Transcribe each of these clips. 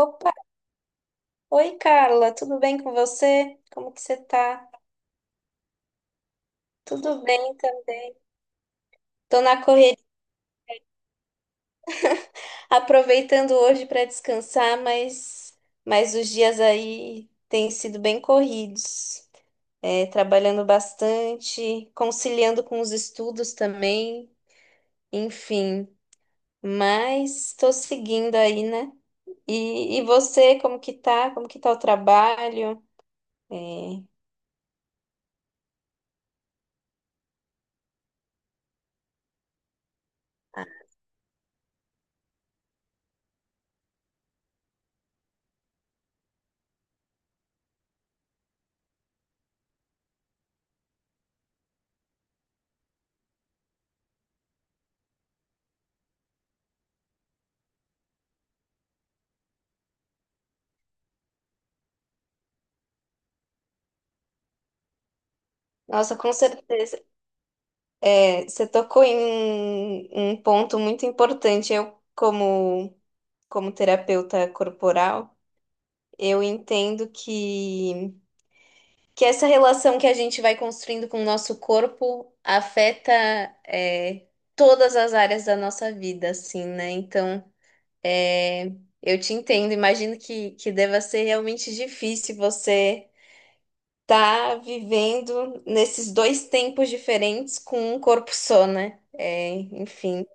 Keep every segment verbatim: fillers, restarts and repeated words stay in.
Opa, oi Carla, tudo bem com você? Como que você tá? Tudo bem também. Tô na correria, aproveitando hoje para descansar, mas mas os dias aí têm sido bem corridos. É, trabalhando bastante, conciliando com os estudos também, enfim. Mas tô seguindo aí, né? E, e você, como que tá? Como que tá o trabalho? É, nossa, com certeza. É, você tocou em um um ponto muito importante. Eu, como, como terapeuta corporal, eu entendo que, que essa relação que a gente vai construindo com o nosso corpo afeta, é, todas as áreas da nossa vida, assim, né? Então, é, eu te entendo. Imagino que, que deva ser realmente difícil você estar vivendo nesses dois tempos diferentes com um corpo só, né? É, enfim.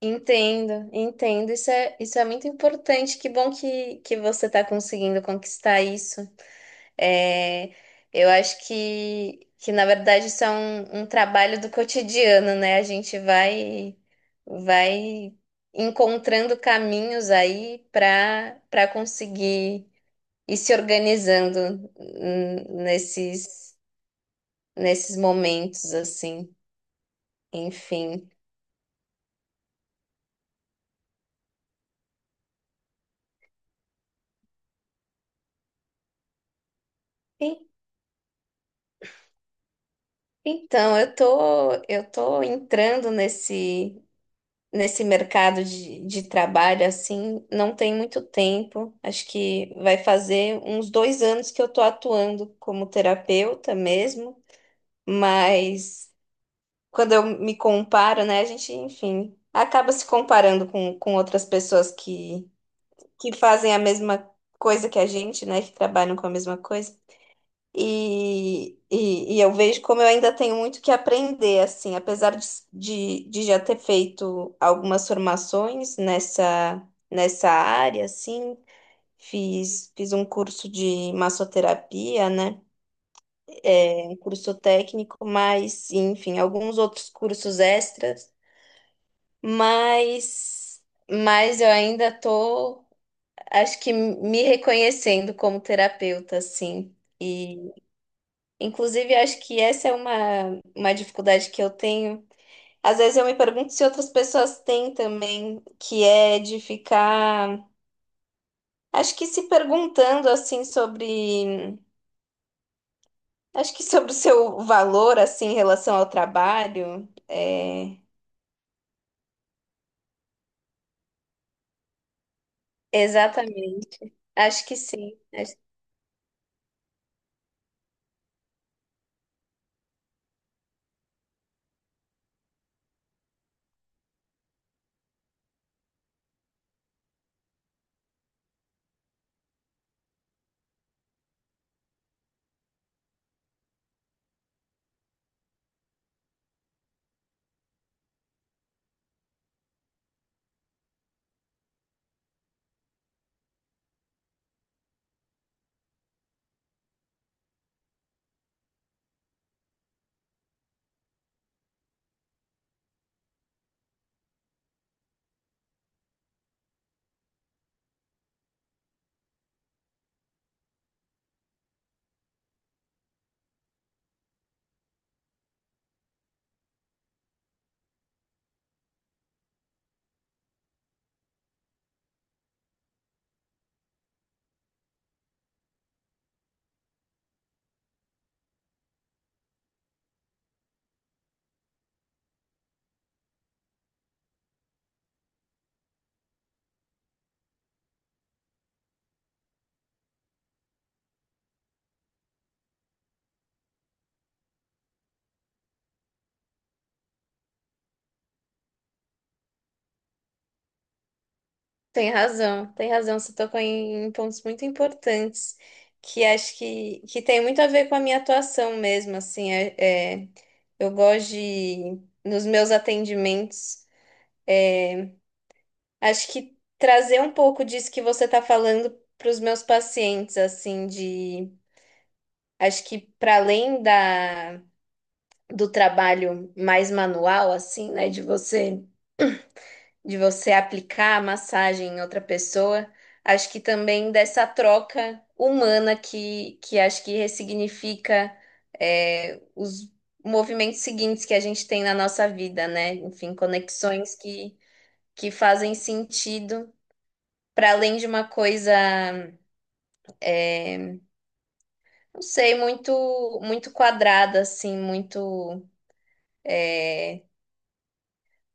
Entendo, entendo. Isso é, isso é muito importante. Que bom que, que você está conseguindo conquistar isso. É, eu acho que, que, na verdade, isso é um, um trabalho do cotidiano, né? A gente vai, vai encontrando caminhos aí para para conseguir ir se organizando hum, nesses, nesses momentos, assim. Enfim. Então, eu tô, eu tô entrando nesse, nesse mercado de, de trabalho, assim, não tem muito tempo. Acho que vai fazer uns dois anos que eu tô atuando como terapeuta mesmo, mas quando eu me comparo, né, a gente, enfim, acaba se comparando com, com outras pessoas que, que fazem a mesma coisa que a gente, né, que trabalham com a mesma coisa. E, e, e eu vejo como eu ainda tenho muito que aprender, assim, apesar de, de, de já ter feito algumas formações nessa, nessa área, assim, fiz, fiz um curso de massoterapia, né? É, um curso técnico, mas, enfim, alguns outros cursos extras, mas, mas eu ainda tô, acho que me reconhecendo como terapeuta, assim. Inclusive, acho que essa é uma, uma dificuldade que eu tenho. Às vezes eu me pergunto se outras pessoas têm também, que é de ficar, acho que se perguntando assim sobre, acho que sobre o seu valor assim em relação ao trabalho. É, exatamente. Acho que sim. Tem razão, tem razão. Você tocou em, em pontos muito importantes que acho que, que tem muito a ver com a minha atuação mesmo, assim, é, é, eu gosto de, nos meus atendimentos, é, acho que trazer um pouco disso que você está falando para os meus pacientes, assim, de, acho que para além da, do trabalho mais manual, assim, né, de você de você aplicar a massagem em outra pessoa, acho que também dessa troca humana que, que acho que ressignifica é, os movimentos seguintes que a gente tem na nossa vida, né? Enfim, conexões que, que fazem sentido. Para além de uma coisa, não sei, muito muito quadrada, assim, muito, é,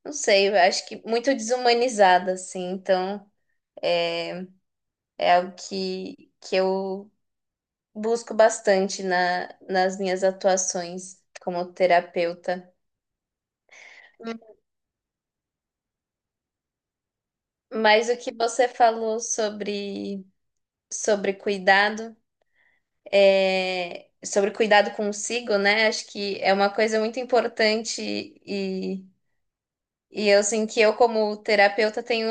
não sei, eu acho que muito desumanizada, assim. Então, é algo que, que eu busco bastante na, nas minhas atuações como terapeuta. Mas o que você falou sobre, sobre cuidado, é, sobre cuidado consigo, né? Acho que é uma coisa muito importante e, e eu, assim, que eu, como terapeuta, tenho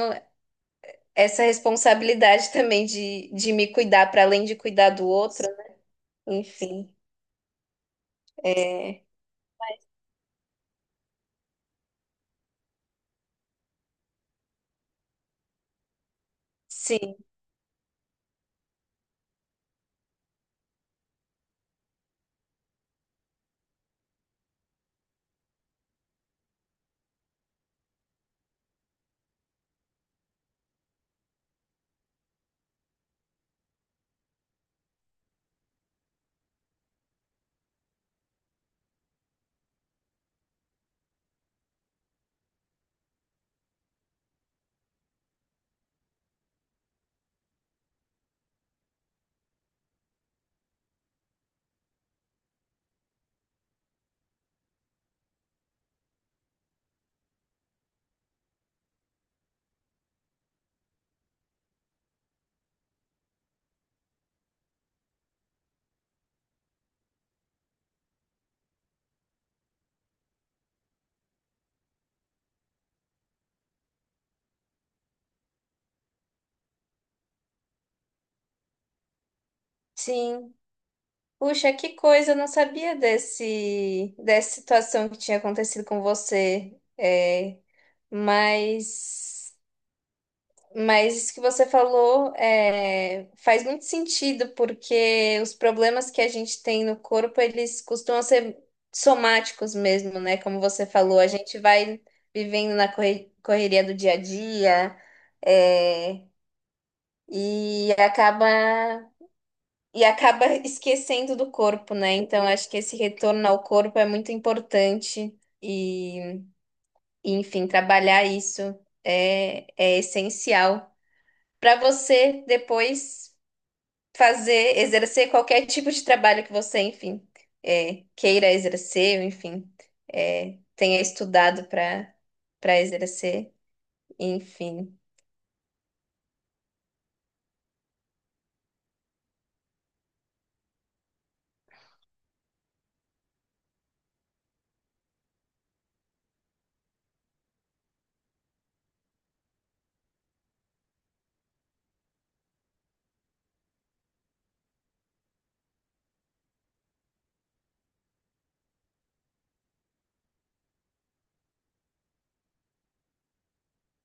essa responsabilidade também de, de me cuidar para além de cuidar do outro. Enfim, é, sim, sim. Puxa, que coisa, eu não sabia desse, dessa situação que tinha acontecido com você. É, mas, mas isso que você falou é, faz muito sentido, porque os problemas que a gente tem no corpo, eles costumam ser somáticos mesmo, né? Como você falou, a gente vai vivendo na corre- correria do dia a dia, é, e acaba. E acaba esquecendo do corpo, né? Então, acho que esse retorno ao corpo é muito importante. E, e, enfim, trabalhar isso é, é essencial para você depois fazer, exercer qualquer tipo de trabalho que você, enfim, é, queira exercer, enfim, é, tenha estudado para para exercer, enfim.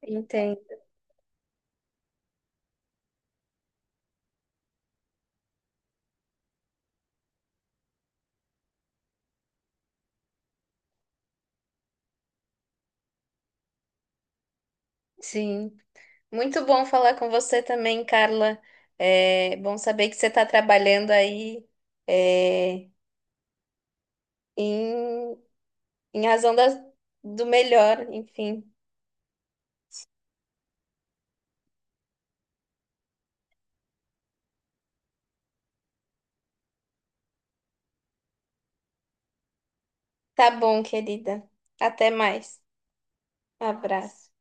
Entendo. Sim. Muito bom falar com você também, Carla. É bom saber que você está trabalhando aí é, em, em razão da, do melhor, enfim. Tá bom, querida. Até mais. Abraço.